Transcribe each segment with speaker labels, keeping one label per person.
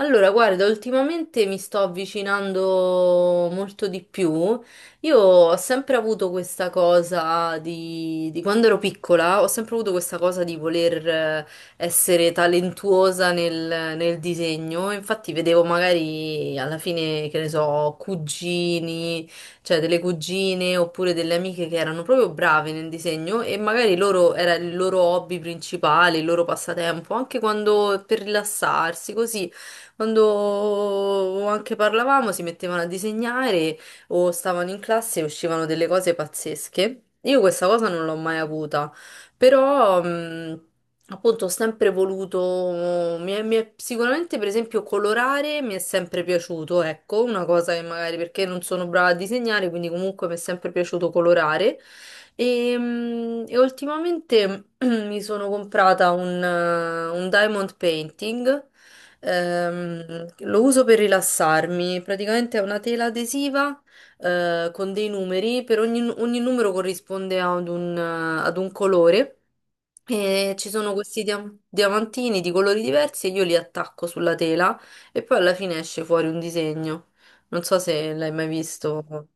Speaker 1: Allora, guarda, ultimamente mi sto avvicinando molto di più. Io ho sempre avuto questa cosa di quando ero piccola, ho sempre avuto questa cosa di voler essere talentuosa nel disegno. Infatti vedevo magari alla fine, che ne so, cugini, cioè delle cugine oppure delle amiche che erano proprio brave nel disegno e magari loro era il loro hobby principale, il loro passatempo, anche quando per rilassarsi, così. Quando anche parlavamo si mettevano a disegnare o stavano in classe e uscivano delle cose pazzesche. Io questa cosa non l'ho mai avuta, però appunto ho sempre voluto, sicuramente per esempio colorare mi è sempre piaciuto, ecco, una cosa che magari perché non sono brava a disegnare, quindi comunque mi è sempre piaciuto colorare. E ultimamente mi sono comprata un diamond painting. Lo uso per rilassarmi, praticamente è una tela adesiva, con dei numeri, per ogni numero corrisponde ad un colore e ci sono questi diamantini di colori diversi e io li attacco sulla tela e poi alla fine esce fuori un disegno. Non so se l'hai mai visto.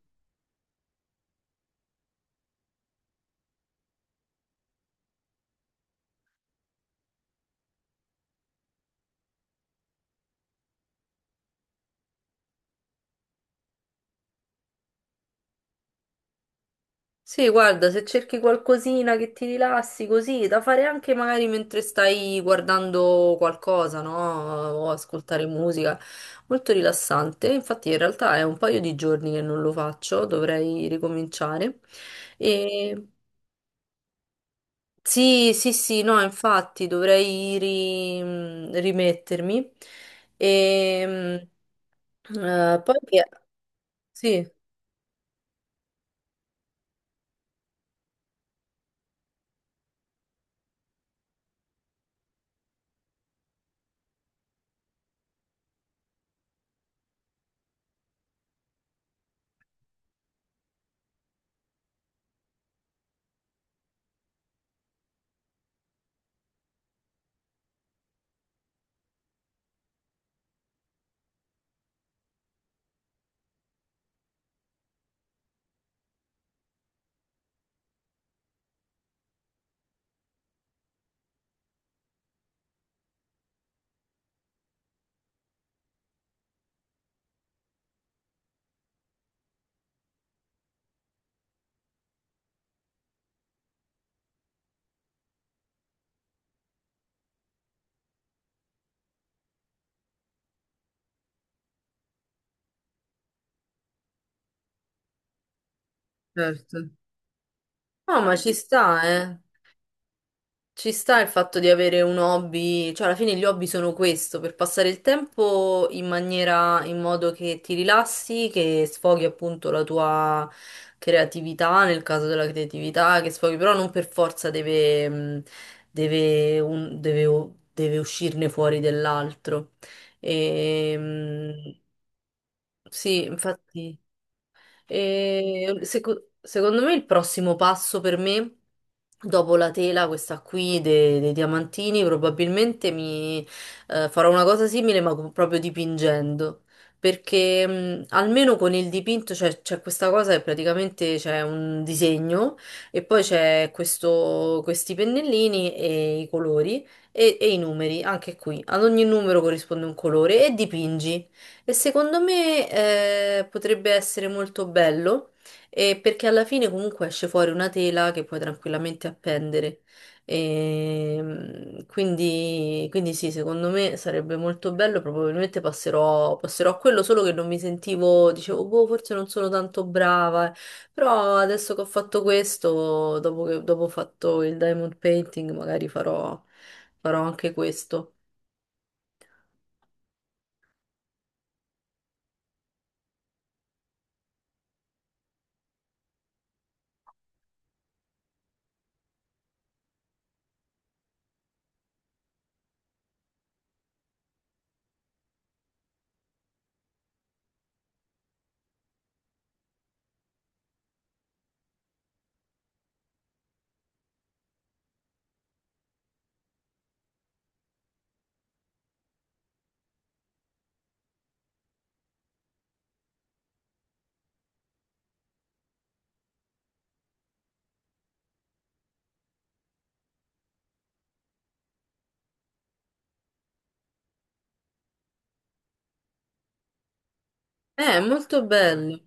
Speaker 1: Sì, guarda, se cerchi qualcosina che ti rilassi così, da fare anche magari mentre stai guardando qualcosa, no? O ascoltare musica, molto rilassante. Infatti in realtà è un paio di giorni che non lo faccio, dovrei ricominciare. E... Sì, sì, sì, no, infatti rimettermi. E... Poi che... Sì, certo. No, ma ci sta, eh. Ci sta il fatto di avere un hobby, cioè alla fine gli hobby sono questo, per passare il tempo in maniera, in modo che ti rilassi, che sfoghi appunto la tua creatività, nel caso della creatività, che sfoghi, però non per forza deve, deve uscirne fuori dell'altro. E, mh, sì, infatti. E secondo me il prossimo passo per me, dopo la tela, questa qui dei diamantini, probabilmente mi farò una cosa simile, ma proprio dipingendo. Perché almeno con il dipinto c'è questa cosa che praticamente c'è un disegno e poi c'è questi pennellini e i colori e i numeri, anche qui. Ad ogni numero corrisponde un colore e dipingi. E secondo me potrebbe essere molto bello, perché alla fine comunque esce fuori una tela che puoi tranquillamente appendere. Quindi, quindi sì, secondo me sarebbe molto bello, probabilmente passerò a quello, solo che non mi sentivo, dicevo, boh, forse non sono tanto brava, eh. Però adesso che ho fatto questo, dopo ho fatto il diamond painting, magari farò anche questo. Molto bello.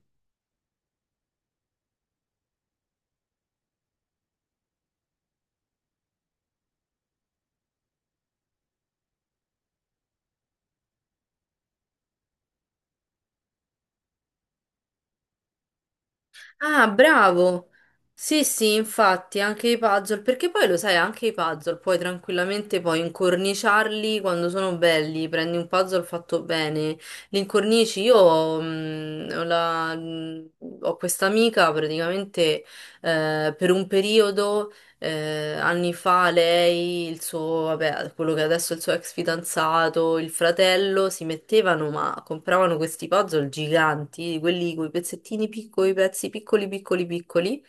Speaker 1: Ah, bravo! Sì, sì, infatti, anche i puzzle, perché poi lo sai, anche i puzzle puoi tranquillamente poi incorniciarli quando sono belli, prendi un puzzle fatto bene, li incornici. Io ho questa amica praticamente, per un periodo, anni fa lei, il suo, vabbè, quello che adesso è il suo ex fidanzato, il fratello, si mettevano, ma compravano questi puzzle giganti, di quelli con i pezzettini piccoli, pezzi piccoli, piccoli, piccoli,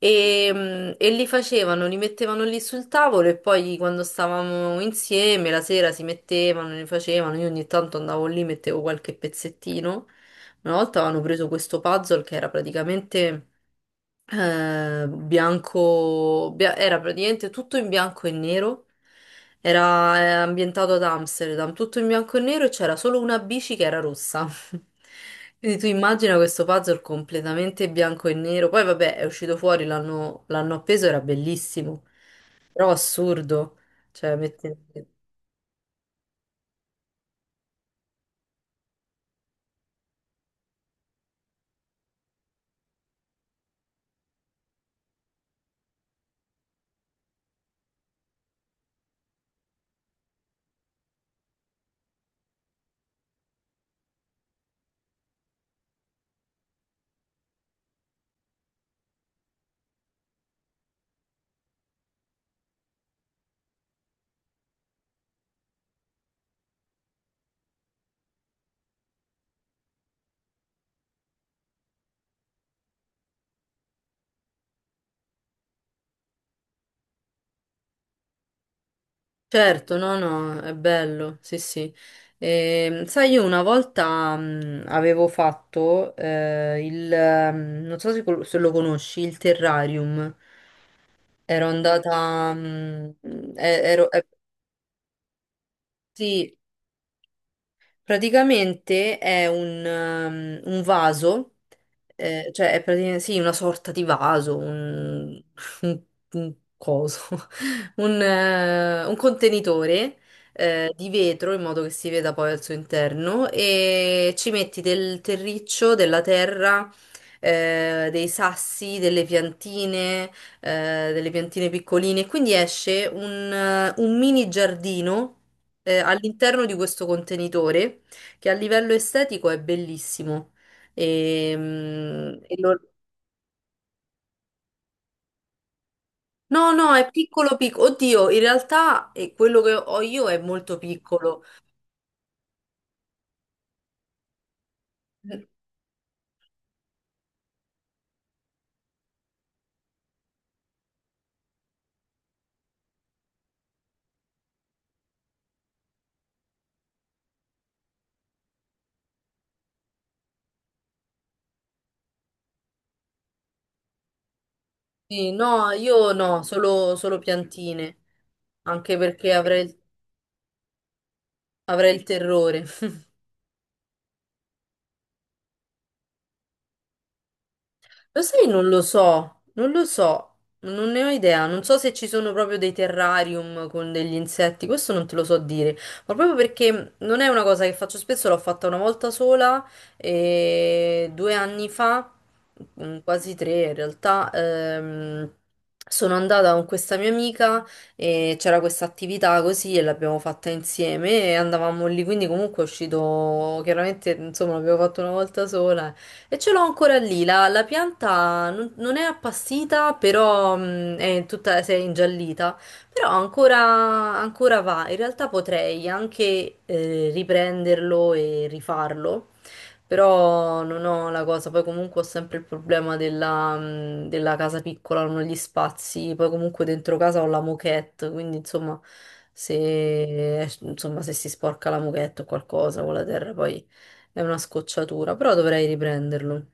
Speaker 1: e li facevano, li mettevano lì sul tavolo e poi quando stavamo insieme, la sera si mettevano, li facevano, io ogni tanto andavo lì, mettevo qualche pezzettino. Una volta avevano preso questo puzzle che era praticamente era praticamente tutto in bianco e nero. Era ambientato ad Amsterdam, tutto in bianco e nero e c'era solo una bici che era rossa. Quindi tu immagina questo puzzle completamente bianco e nero. Poi vabbè, è uscito fuori, l'hanno appeso, era bellissimo. Però assurdo. Cioè, metti... Certo, no, no, è bello, sì, sì. Sai, io una volta avevo fatto non so se, se lo conosci, il terrarium. Ero andata, ero, sì, praticamente è un vaso, cioè è praticamente, sì, una sorta di vaso, un, un- un coso, un contenitore di vetro in modo che si veda poi al suo interno e ci metti del terriccio, della terra, dei sassi, delle piantine piccoline, quindi esce un mini giardino, all'interno di questo contenitore che a livello estetico è bellissimo. Ehm, E, lo- No, no, è piccolo piccolo. Oddio, in realtà quello che ho io è molto piccolo. Sì, no, io no, solo piantine, anche perché avrei il terrore. Lo sai, non lo so, non lo so, non ne ho idea, non so se ci sono proprio dei terrarium con degli insetti, questo non te lo so dire, ma proprio perché non è una cosa che faccio spesso, l'ho fatta una volta sola e 2 anni fa, quasi tre in realtà. Sono andata con questa mia amica e c'era questa attività così e l'abbiamo fatta insieme e andavamo lì, quindi comunque è uscito, chiaramente insomma l'abbiamo fatto una volta sola e ce l'ho ancora lì, la pianta non è appassita, però è tutta, si è ingiallita, però ancora, ancora va. In realtà potrei anche riprenderlo e rifarlo, però non ho la cosa, poi comunque ho sempre il problema della casa piccola, non ho gli spazi, poi comunque dentro casa ho la moquette, quindi insomma se si sporca la moquette o qualcosa con la terra poi è una scocciatura, però dovrei riprenderlo.